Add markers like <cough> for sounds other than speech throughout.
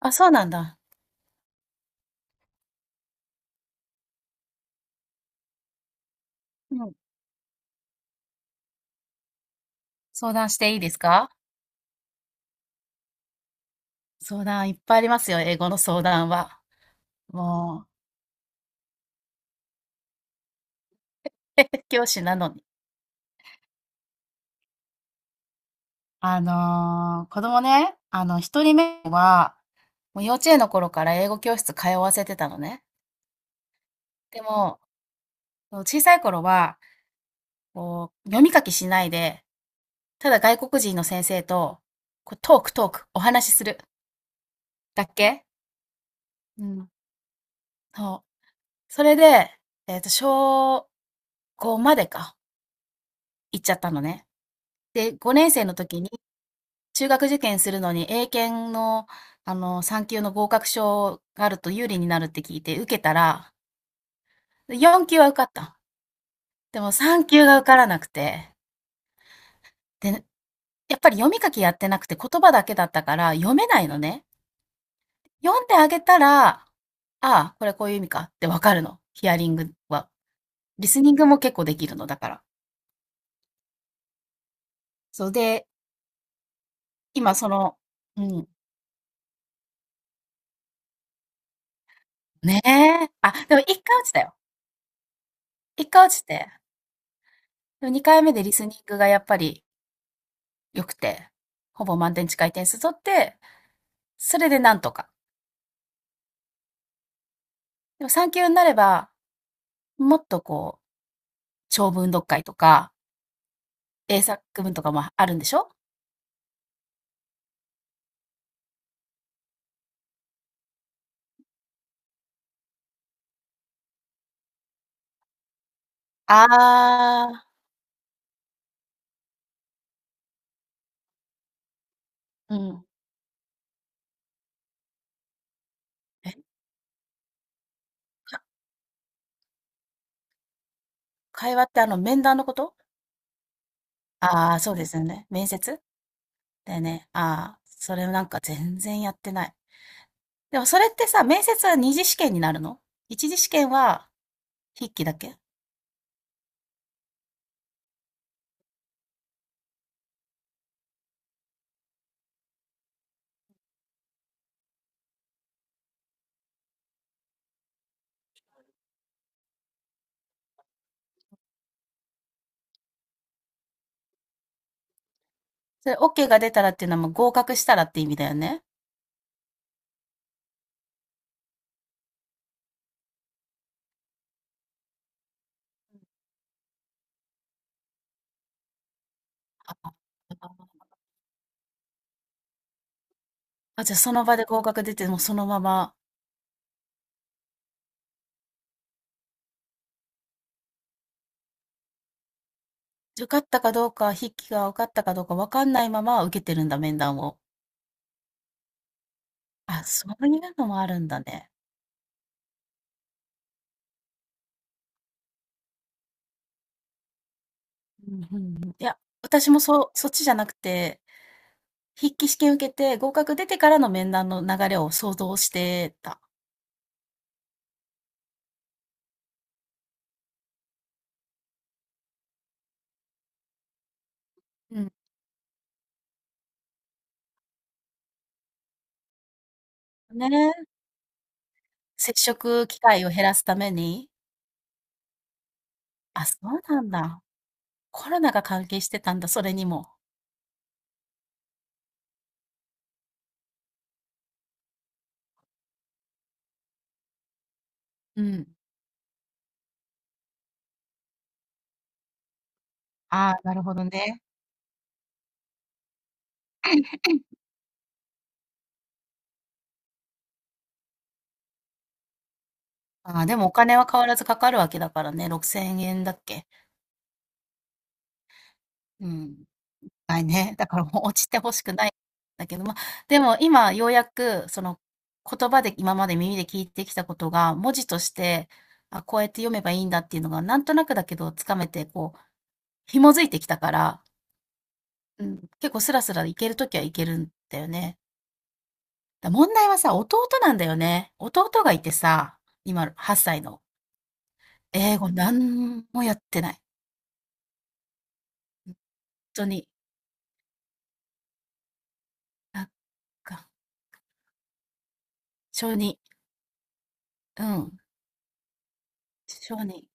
あ、そうなんだ。うん。相談していいですか？相談いっぱいありますよ、英語の相談は。もう、<laughs> 教師なのに。子供ね、一人目は、もう幼稚園の頃から英語教室通わせてたのね。でも、小さい頃は、こう、読み書きしないで、ただ外国人の先生と、こうトークトーク、お話しする。だけうん。そう。それで、小5までか、行っちゃったのね。で、5年生の時に中学受験するのに英検の、3級の合格証があると有利になるって聞いて受けたら、4級は受かった。でも3級が受からなくて。で、やっぱり読み書きやってなくて言葉だけだったから読めないのね。読んであげたら、ああ、これこういう意味かってわかるの。ヒアリングは。リスニングも結構できるのだから。そうで、今その、うん。ねえ。あ、でも一回落ちたよ。一回落ちて。でも2回目でリスニングがやっぱり良くて、ほぼ満点近い点数取って、それでなんとか。でも3級になれば、もっとこう、長文読解とか、英作文とかもあるんでしょ？ああ、うん。え、か会話ってあの面談のこと？ああー、そうですよね。面接だよね。ああ、それなんか全然やってない。でもそれってさ、面接は二次試験になるの？一次試験は筆記だけ？それ OK が出たらっていうのはもう合格したらって意味だよね。あ、あ、じゃあその場で合格出て、もうそのまま、受かったかどうか、筆記が受かったかどうか分かんないまま受けてるんだ、面談を。あ、そういうのもあるんだね。うんうんうん。いや、私もそう、そっちじゃなくて、筆記試験受けて合格出てからの面談の流れを想像してた。うん。ね。接触機会を減らすために。あ、そうなんだ。コロナが関係してたんだ、それにも。うん。ああ、なるほどね。ああ、でもお金は変わらずかかるわけだからね、6,000円だっけ？うん。ないね。<laughs> だからもう落ちて欲しくないんだけど、まあ、でも今ようやくその言葉で今まで耳で聞いてきたことが、文字として、あ、こうやって読めばいいんだっていうのがなんとなくだけどつかめて、こう紐づいてきたから、うん、結構スラスラいけるときはいけるんだよね。問題はさ、弟なんだよね。弟がいてさ、今8歳の。英語なんもやってない。本当に。なんか小児うん。小児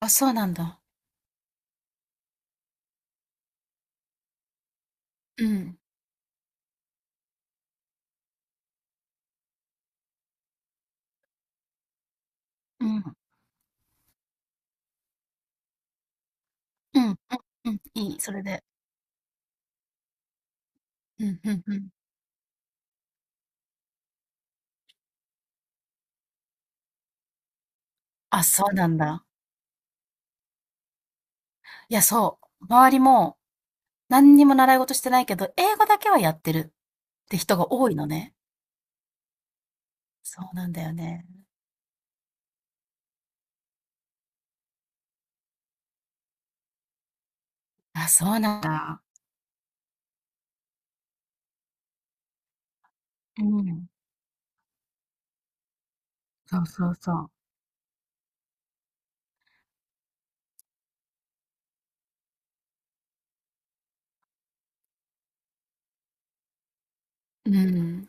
あ、そうなんだ。うん。うん。うん。うん。いい。それで。うん。うん。うん。あ、そうなんだ。いや、そう。周りも、何にも習い事してないけど、英語だけはやってるって人が多いのね。そうなんだよね。あ、そうなんだ。うん。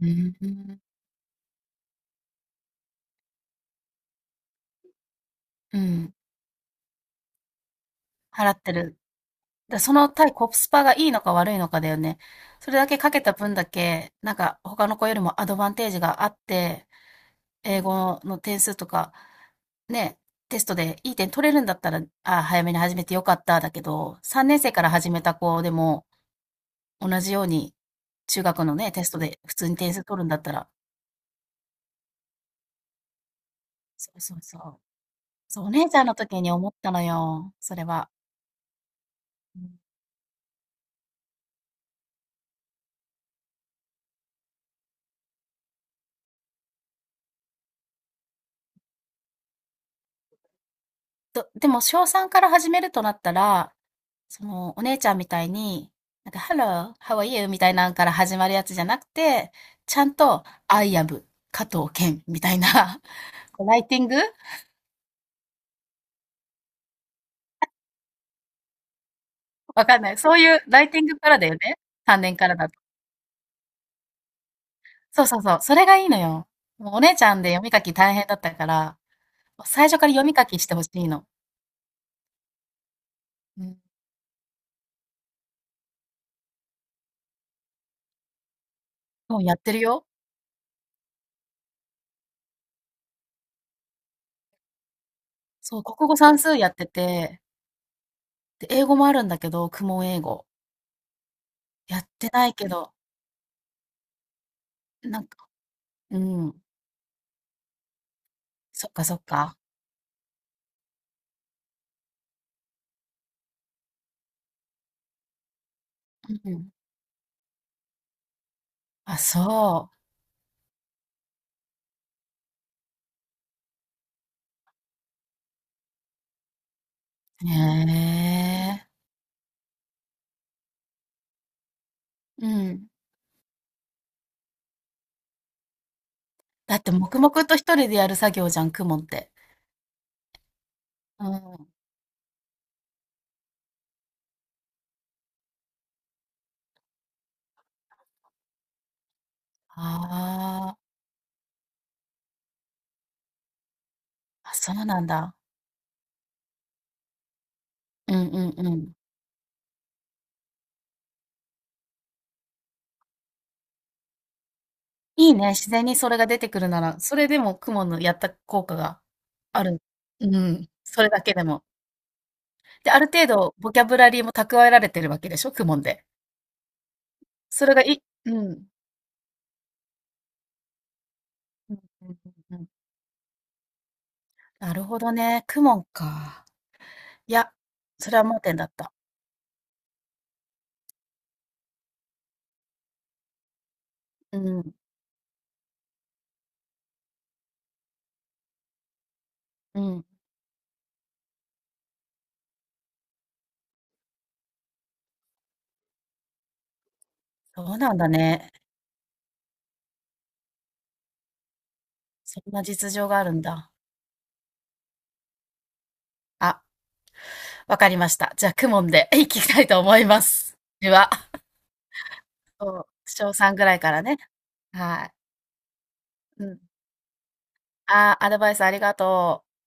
うん。うん。払ってる。その対コスパがいいのか悪いのかだよね。それだけかけた分だけ、なんか他の子よりもアドバンテージがあって、英語の点数とかね、テストでいい点取れるんだったら、あ、早めに始めてよかっただけど、3年生から始めた子でも、同じように中学のね、テストで普通に点数取るんだったら、そうそうそう。そう、お姉ちゃんの時に思ったのよ、それは。うん。でも小3から始めるとなったら、その、お姉ちゃんみたいに、なんか、Hello, how are you? みたいなんから始まるやつじゃなくて、ちゃんと、I am 加藤健みたいな、<laughs> こうライティング、わかんない。そういうライティングからだよね。単年からだと。そうそうそう。それがいいのよ。もうお姉ちゃんで読み書き大変だったから、最初から読み書きしてほしいの。うん。もうやってるよ。そう、国語算数やってて、で、英語もあるんだけど、公文英語。やってないけど、なんか、うん。そっかそっか。うん。あ、そう。へえ。うん。だって黙々と一人でやる作業じゃん、公文って。うん。ああ。あ、そうなんだ。うんうんうん。いいね、自然にそれが出てくるなら、それでも雲のやった効果がある。うん、それだけでも。で、ある程度ボキャブラリーも蓄えられてるわけでしょ、公文で。それがいうん。うんうんうんうん。なるほどね、公文か。いや、それは盲点だった。うん、うん。そうなんだね。そんな実情があるんだ。あ、わかりました。じゃあ、公文で <laughs> いきたいと思います。では、そう、小3ぐらいからね。はい。うん。ああ、アドバイスありがとう。